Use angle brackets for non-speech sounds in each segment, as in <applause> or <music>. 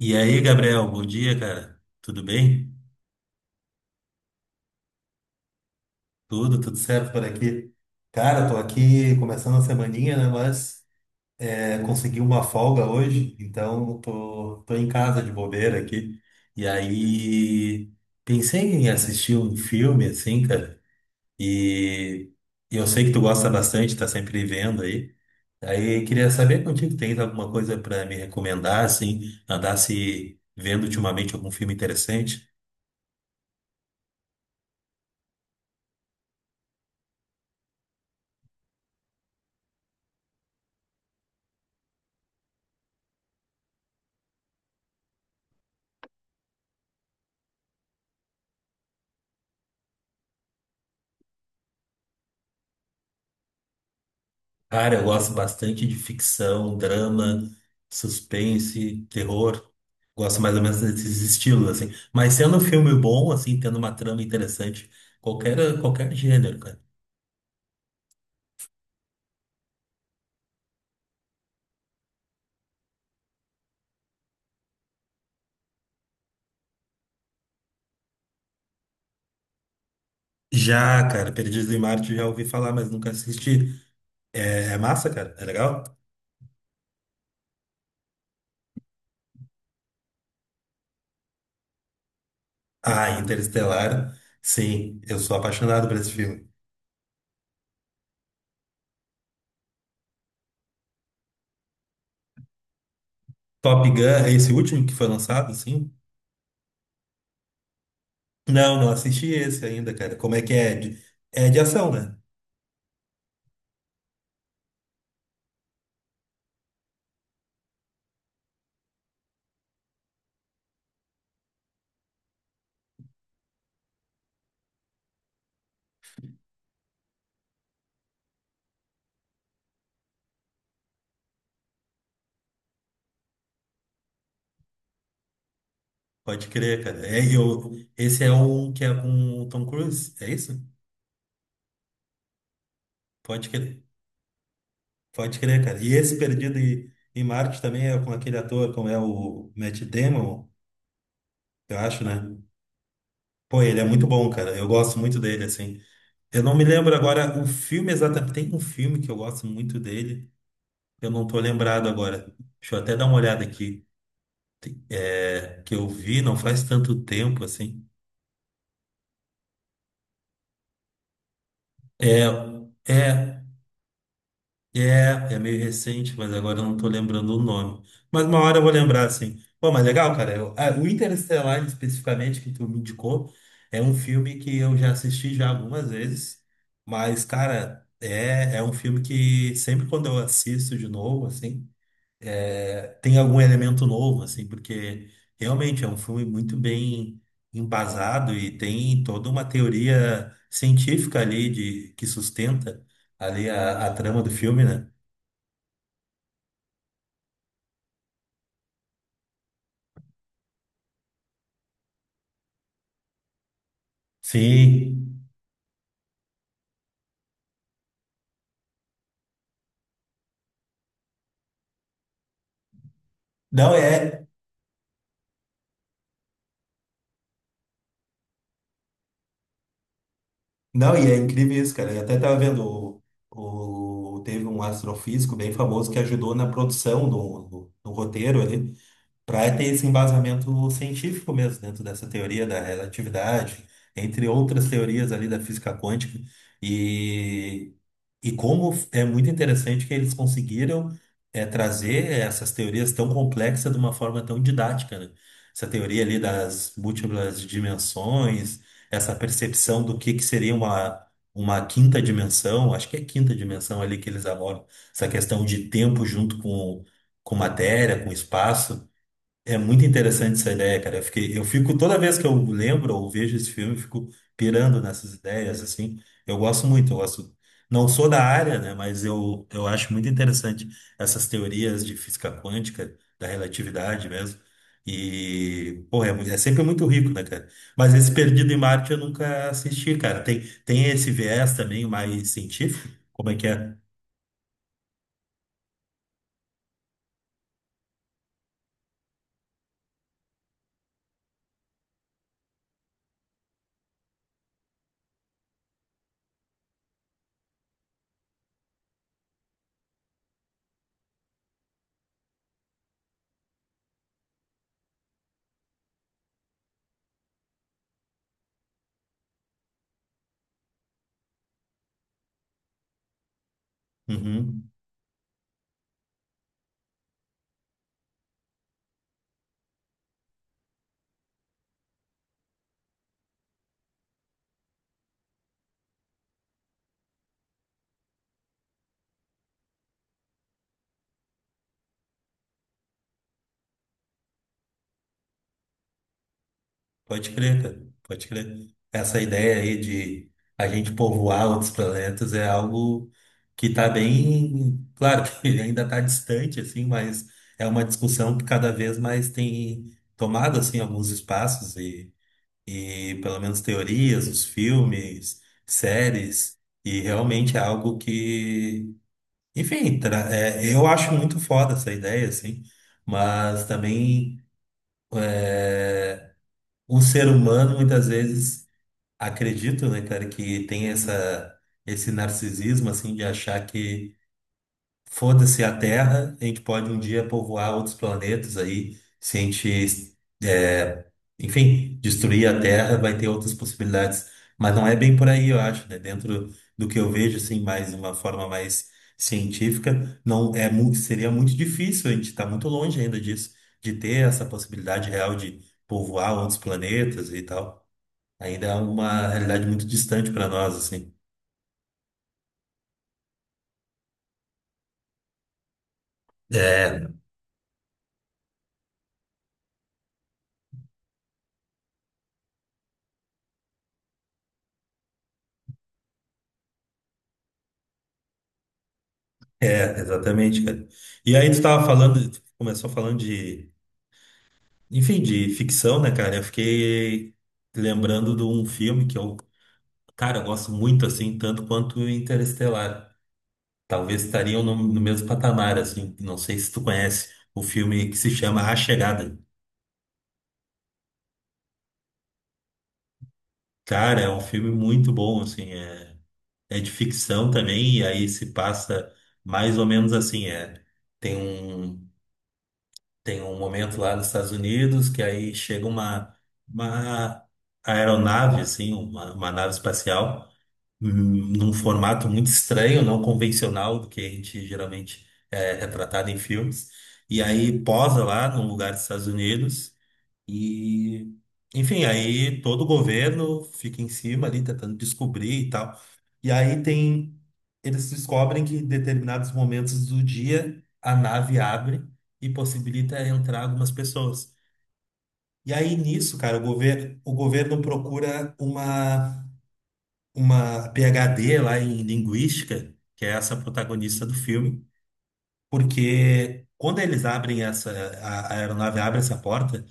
E aí, Gabriel, bom dia, cara. Tudo bem? Tudo certo por aqui. Cara, tô aqui começando a semaninha, né? Mas é, consegui uma folga hoje, então tô em casa de bobeira aqui. E aí, pensei em assistir um filme, assim, cara. E, e eu sei que tu gosta bastante, tá sempre vendo aí. Aí queria saber contigo, tens alguma coisa para me recomendar, assim, andasse vendo ultimamente algum filme interessante? Cara, eu gosto bastante de ficção, drama, suspense, terror. Gosto mais ou menos desses estilos, assim. Mas sendo um filme bom, assim, tendo uma trama interessante, qualquer gênero, cara. Já, cara, Perdidos em Marte já ouvi falar, mas nunca assisti. É, é massa, cara? É legal? Ah, Interestelar, sim, eu sou apaixonado por esse filme. Top Gun, é esse último que foi lançado, sim? Não, não assisti esse ainda, cara. Como é que é? É de ação, né? Pode crer, cara. É, eu, esse é o que é com o Tom Cruise, é isso? Pode crer. Pode crer, cara. E esse Perdido em Marte também é com aquele ator, como é o Matt Damon, eu acho, né? Pô, ele é muito bom, cara. Eu gosto muito dele, assim. Eu não me lembro agora o filme exatamente. Tem um filme que eu gosto muito dele. Eu não tô lembrado agora. Deixa eu até dar uma olhada aqui. É, que eu vi não faz tanto tempo, assim. É, é. É, é meio recente, mas agora eu não tô lembrando o nome. Mas uma hora eu vou lembrar, assim. Pô, mas legal, cara. Ah, o Interestelar, especificamente, que tu me indicou, é um filme que eu já assisti já algumas vezes. Mas, cara, é, é um filme que sempre quando eu assisto de novo, assim, é, tem algum elemento novo, assim, porque realmente é um filme muito bem embasado e tem toda uma teoria científica ali de, que sustenta ali a trama do filme, né? Sim. Não é. Não, e é incrível isso, cara. Eu até tava vendo teve um astrofísico bem famoso que ajudou na produção do roteiro ali, para ter esse embasamento científico mesmo dentro dessa teoria da relatividade, entre outras teorias ali da física quântica. E, e como é muito interessante que eles conseguiram é, trazer essas teorias tão complexas de uma forma tão didática, né? Essa teoria ali das múltiplas dimensões, essa percepção do que seria uma quinta dimensão, acho que é quinta dimensão ali que eles abordam, essa questão de tempo junto com matéria, com espaço. É muito interessante essa ideia, cara. Eu fiquei, eu fico toda vez que eu lembro ou vejo esse filme, eu fico pirando nessas ideias, assim. Eu gosto muito, eu gosto. Não sou da área, né? Mas eu acho muito interessante essas teorias de física quântica, da relatividade mesmo. E, pô, é, é sempre muito rico, né, cara? Mas esse Perdido em Marte eu nunca assisti, cara. Tem, tem esse viés também mais científico? Como é que é? Uhum. Pode crer, cara. Pode crer. Essa ideia aí de a gente povoar outros planetas é algo que está bem, claro que <laughs> ele ainda está distante, assim, mas é uma discussão que cada vez mais tem tomado, assim, alguns espaços e pelo menos teorias, os filmes, séries, e realmente é algo que, enfim, é, eu acho muito foda essa ideia, assim, mas também é, o ser humano muitas vezes acredito, né, cara, que tem essa, esse narcisismo, assim, de achar que foda-se a Terra, a gente pode um dia povoar outros planetas aí, se a gente, é, enfim, destruir a Terra, vai ter outras possibilidades. Mas não é bem por aí, eu acho, né? Dentro do que eu vejo, assim, mais de uma forma mais científica, não é muito, seria muito difícil, a gente está muito longe ainda disso, de ter essa possibilidade real de povoar outros planetas e tal. Ainda é uma realidade muito distante para nós, assim. É, é, exatamente, cara. E aí tu tava falando, tu começou falando de, enfim, de ficção, né, cara? Eu fiquei lembrando de um filme que eu, cara, eu gosto muito, assim, tanto quanto Interestelar. Talvez estariam no mesmo patamar, assim. Não sei se tu conhece o filme que se chama A Chegada. Cara, é um filme muito bom, assim, é, é de ficção também, e aí se passa mais ou menos assim, é. Tem um Tem um momento lá nos Estados Unidos que aí chega uma aeronave, assim, uma nave espacial, hum, num formato muito estranho, não convencional do que a gente geralmente é retratado em filmes. E aí posa lá num lugar dos Estados Unidos. E, enfim, aí todo o governo fica em cima ali, tentando descobrir e tal. E aí tem, eles descobrem que em determinados momentos do dia a nave abre e possibilita entrar algumas pessoas. E aí nisso, cara, o governo procura uma PhD lá em linguística, que é essa protagonista do filme, porque quando eles abrem essa, a aeronave abre essa porta,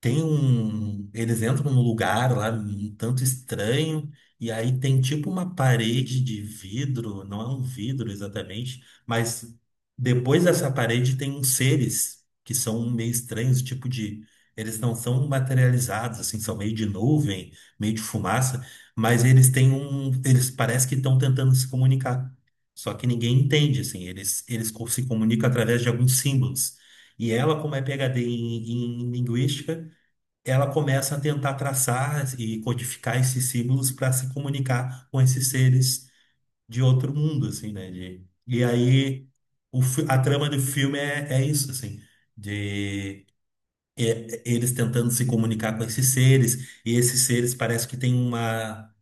Tem um. Eles entram num lugar lá um tanto estranho, e aí tem tipo uma parede de vidro, não é um vidro exatamente, mas depois dessa parede tem uns seres que são meio estranhos, tipo de. Eles não são materializados, assim, são meio de nuvem, meio de fumaça, mas eles têm um. eles parecem que estão tentando se comunicar. Só que ninguém entende, assim, eles se comunicam através de alguns símbolos. E ela, como é PhD em linguística, ela começa a tentar traçar e codificar esses símbolos para se comunicar com esses seres de outro mundo, assim, né? De, e aí a trama do filme é, é isso, assim, de eles tentando se comunicar com esses seres, e esses seres parece que têm uma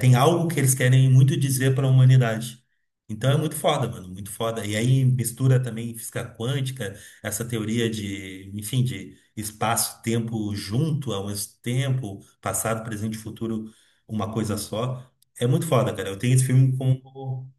tem algo que eles querem muito dizer para a humanidade. Então é muito foda, mano, muito foda. E aí mistura também física quântica, essa teoria de, enfim, de espaço-tempo junto ao mesmo tempo, passado, presente e futuro, uma coisa só. É muito foda, cara. Eu tenho esse filme como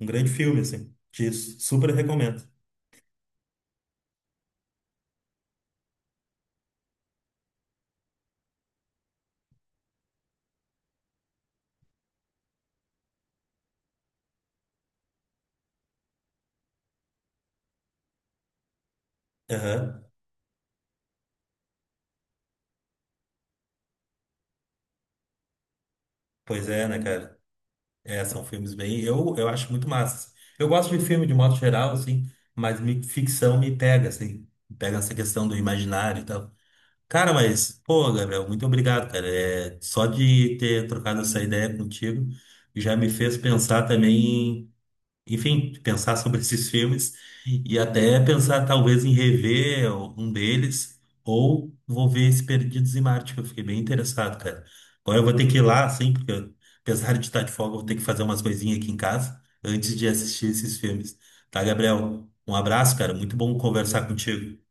um grande filme, assim. Te super recomendo. Aham. Pois é, né, cara? É, são filmes bem. Eu acho muito massa, assim. Eu gosto de filme de modo geral, assim, mas ficção me pega, assim. Me pega essa questão do imaginário e tal. Cara, mas, pô, Gabriel, muito obrigado, cara. É, só de ter trocado essa ideia contigo já me fez pensar também, enfim, pensar sobre <laughs> esses filmes e até pensar talvez em rever um deles ou vou ver esse Perdidos em Marte, que eu fiquei bem interessado, cara. Agora eu vou ter que ir lá, assim, apesar de estar de folga, eu vou ter que fazer umas coisinhas aqui em casa antes de assistir esses filmes. Tá, Gabriel? Um abraço, cara. Muito bom conversar contigo.